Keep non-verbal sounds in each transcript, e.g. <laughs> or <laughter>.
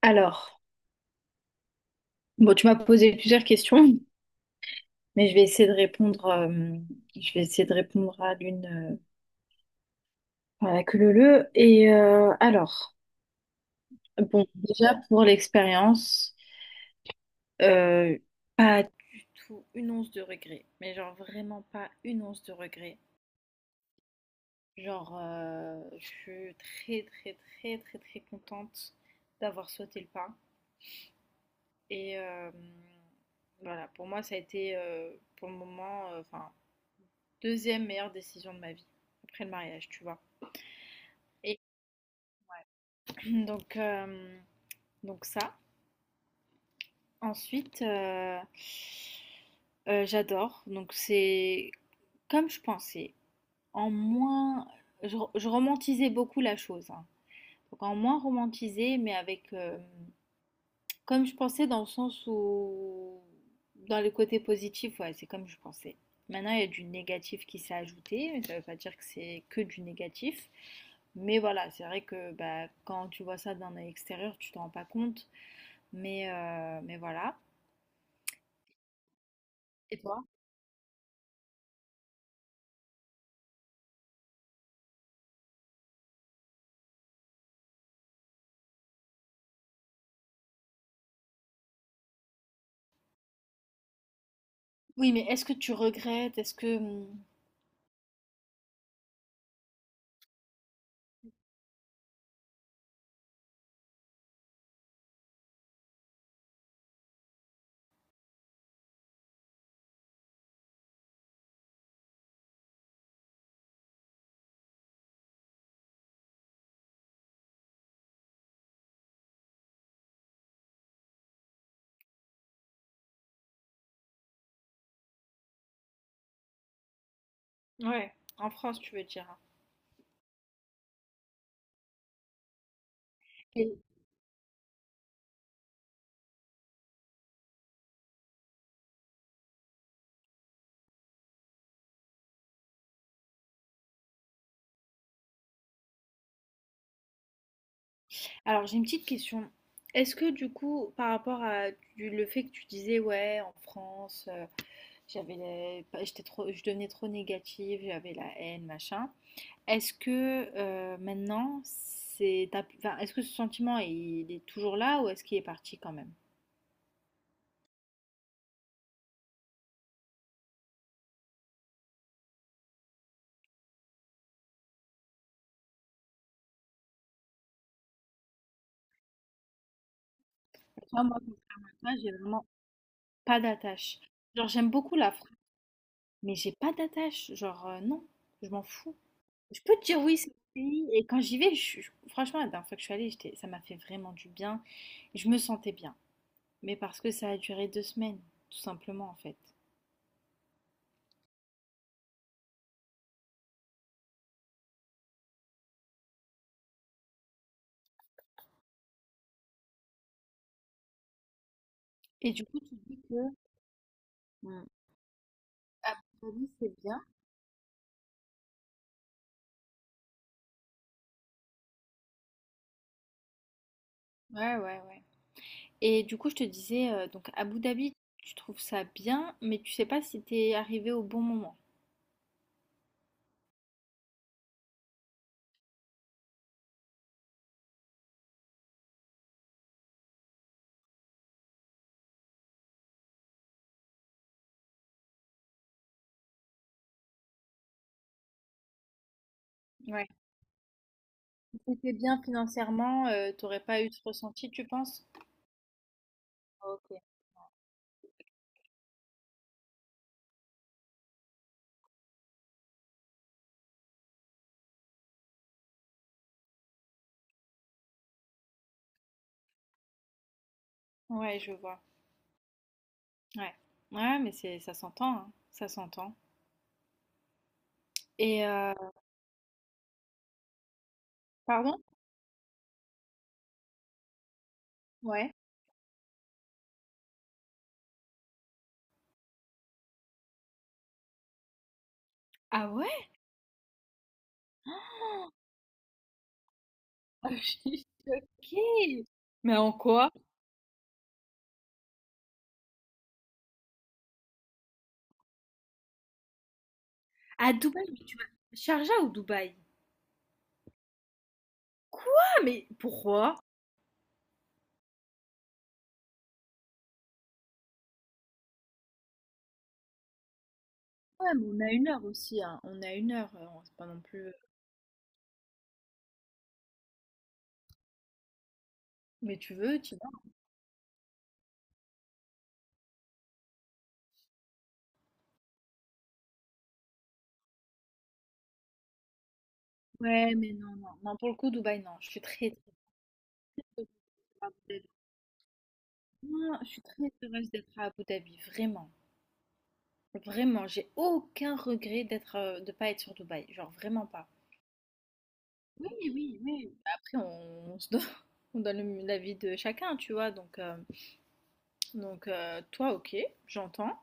Alors, bon, tu m'as posé plusieurs questions, mais je vais essayer de répondre, je vais essayer de répondre à l'une, à la queue leu leu. Alors, bon, déjà pour l'expérience, euh, pas du tout une once de regret, mais genre vraiment pas une once de regret. Genre, je suis très très très très très contente d'avoir sauté le pas. Et euh, voilà, pour moi, ça a été pour le moment, enfin, deuxième meilleure décision de ma vie, après le mariage, tu vois. Et <clears throat> donc, euh, donc ça. Ensuite, j'adore. Donc c'est comme je pensais. En moins, je romantisais beaucoup la chose, hein. Donc en moins romantisé, mais avec, comme je pensais, dans le sens où dans les côtés positifs, ouais, c'est comme je pensais. Maintenant, il y a du négatif qui s'est ajouté, mais ça ne veut pas dire que c'est que du négatif. Mais voilà, c'est vrai que bah, quand tu vois ça d'un œil extérieur, tu t'en rends pas compte. Mais voilà. Et toi? Oui, mais est-ce que tu regrettes? Est-ce que... Ouais, en France, tu veux dire, hein. Et- Alors, j'ai une petite question. Est-ce que du coup, par rapport à le fait que tu disais, ouais, en France, j'avais j'étais trop, je devenais trop négative, j'avais la haine, machin. Est-ce que maintenant, c'est, enfin, est-ce que ce sentiment, il est toujours là ou est-ce qu'il est parti quand même? Tu moi, contrairement à toi, j'ai vraiment pas d'attache. Genre, j'aime beaucoup la France, mais j'ai pas d'attache. Genre, non, je m'en fous. Je peux te dire oui, c'est mon pays. Et quand j'y vais, franchement, la dernière fois que je suis allée, ça m'a fait vraiment du bien. Et je me sentais bien. Mais parce que ça a duré deux semaines, tout simplement, en fait. Et du coup, tu dis que hmm, Abu Dhabi, c'est bien. Ouais, ouais, ouais. Et du coup, je te disais, donc Abu Dhabi, tu trouves ça bien, mais tu sais pas si t'es arrivé au bon moment. Ouais. Si t'es bien financièrement, t'aurais pas eu ce ressenti, tu penses? OK. Ouais, je vois. Ouais. Ouais, mais c'est ça s'entend, hein, ça s'entend et pardon? Ouais. Ah ouais? <laughs> Je suis choquée! Mais en quoi? À Dubaï, mais tu vas Sharjah ou Dubaï? Quoi? Mais pourquoi? Ouais, mais on a une heure aussi, hein, on a une heure, c'est pas non plus. Mais tu veux, tu y vas. Ouais, mais non, non, non, pour le coup, Dubaï, non, je suis très, très heureuse d'être à Abu Dhabi. Non, je suis très heureuse d'être à Abu Dhabi, vraiment. Vraiment, j'ai aucun regret d'être, de pas être sur Dubaï, genre vraiment pas. Oui, oui, oui. Bah, après on se donne <laughs> on donne le l'avis de chacun, tu vois? Donc toi OK, j'entends.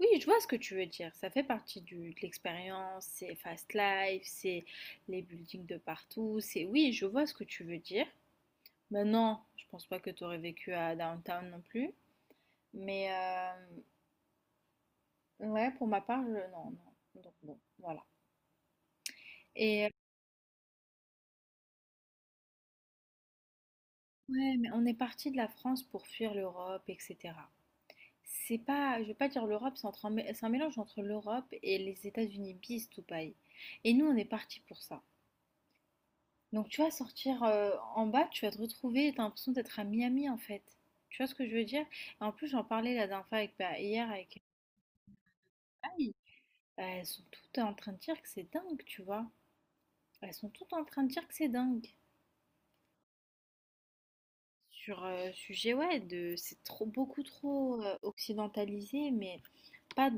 Oui, je vois ce que tu veux dire, ça fait partie du de l'expérience, c'est fast life, c'est les buildings de partout, c'est oui, je vois ce que tu veux dire. Maintenant, je pense pas que tu aurais vécu à Downtown non plus, mais ouais, pour ma part, je non, non, donc bon, voilà. Et ouais, mais on est parti de la France pour fuir l'Europe, etc. C'est pas, je vais pas dire l'Europe, c'est entre un c'est un mélange entre l'Europe et les États-Unis, bis tout paille. Et nous, on est parti pour ça. Donc tu vas sortir en bas, tu vas te retrouver, t'as l'impression d'être à Miami en fait. Tu vois ce que je veux dire? Et en plus, j'en parlais la dernière fois avec, bah, hier avec Aïe, bah, elles sont toutes en train de dire que c'est dingue, tu vois. Elles sont toutes en train de dire que c'est dingue. Sur sujet, ouais, de, c'est trop, beaucoup trop occidentalisé, mais pas.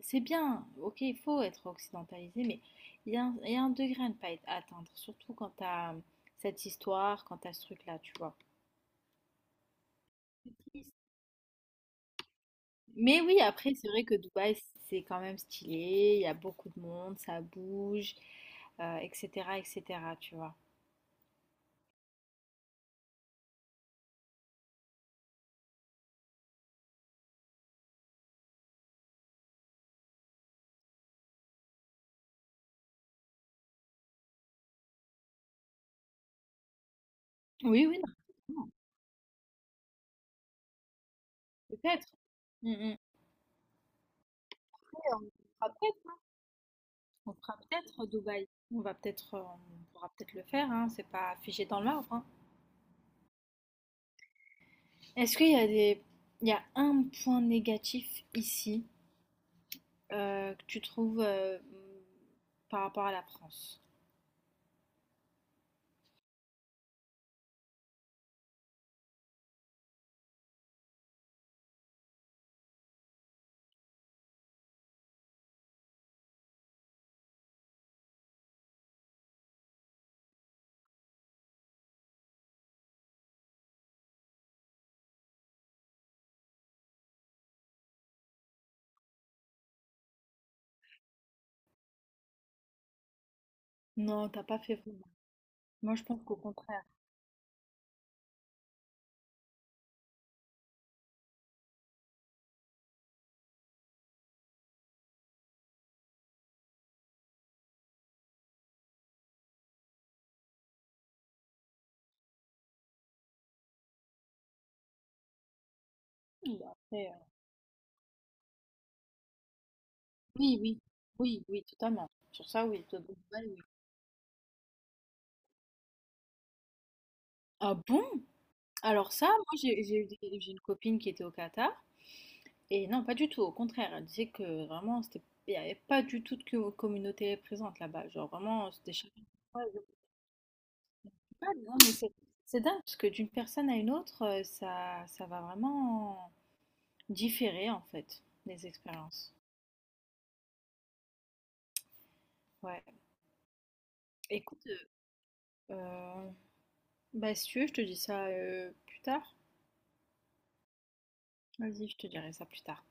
C'est bien, ok, il faut être occidentalisé, mais il y a y a un degré à ne pas atteindre, surtout quand t'as cette histoire, quand t'as ce truc-là, tu vois. C'est triste. Mais oui, après, c'est vrai que Dubaï, c'est quand même stylé, il y a beaucoup de monde, ça bouge, etc., etc., tu vois. Oui, oui, non, non, peut-être. Mm, mm. Oui, on fera peut-être, on fera peut-être Dubaï. On va peut-être, on pourra peut-être le faire, hein, c'est pas figé dans le marbre, hein. Est-ce qu'il y a des... Il y a un point négatif ici que tu trouves par rapport à la France? Non, t'as pas fait vraiment. Moi, je pense qu'au contraire. Oui, après, oui, oui, oui, oui, totalement. Sur ça, oui, de bonne nouvelle, oui. Ah bon? Alors ça, moi, j'ai eu j'ai une copine qui était au Qatar. Et non, pas du tout. Au contraire, elle disait que vraiment, c'était, il n'y avait pas du tout de communauté présente là-bas. Genre, vraiment, c'était chacun. Ah non, mais c'est dingue parce que d'une personne à une autre, ça, ça va vraiment différer en fait les expériences. Ouais. Écoute, euh, bah, si tu veux, je te dis ça plus tard. Vas-y, je te dirai ça plus tard.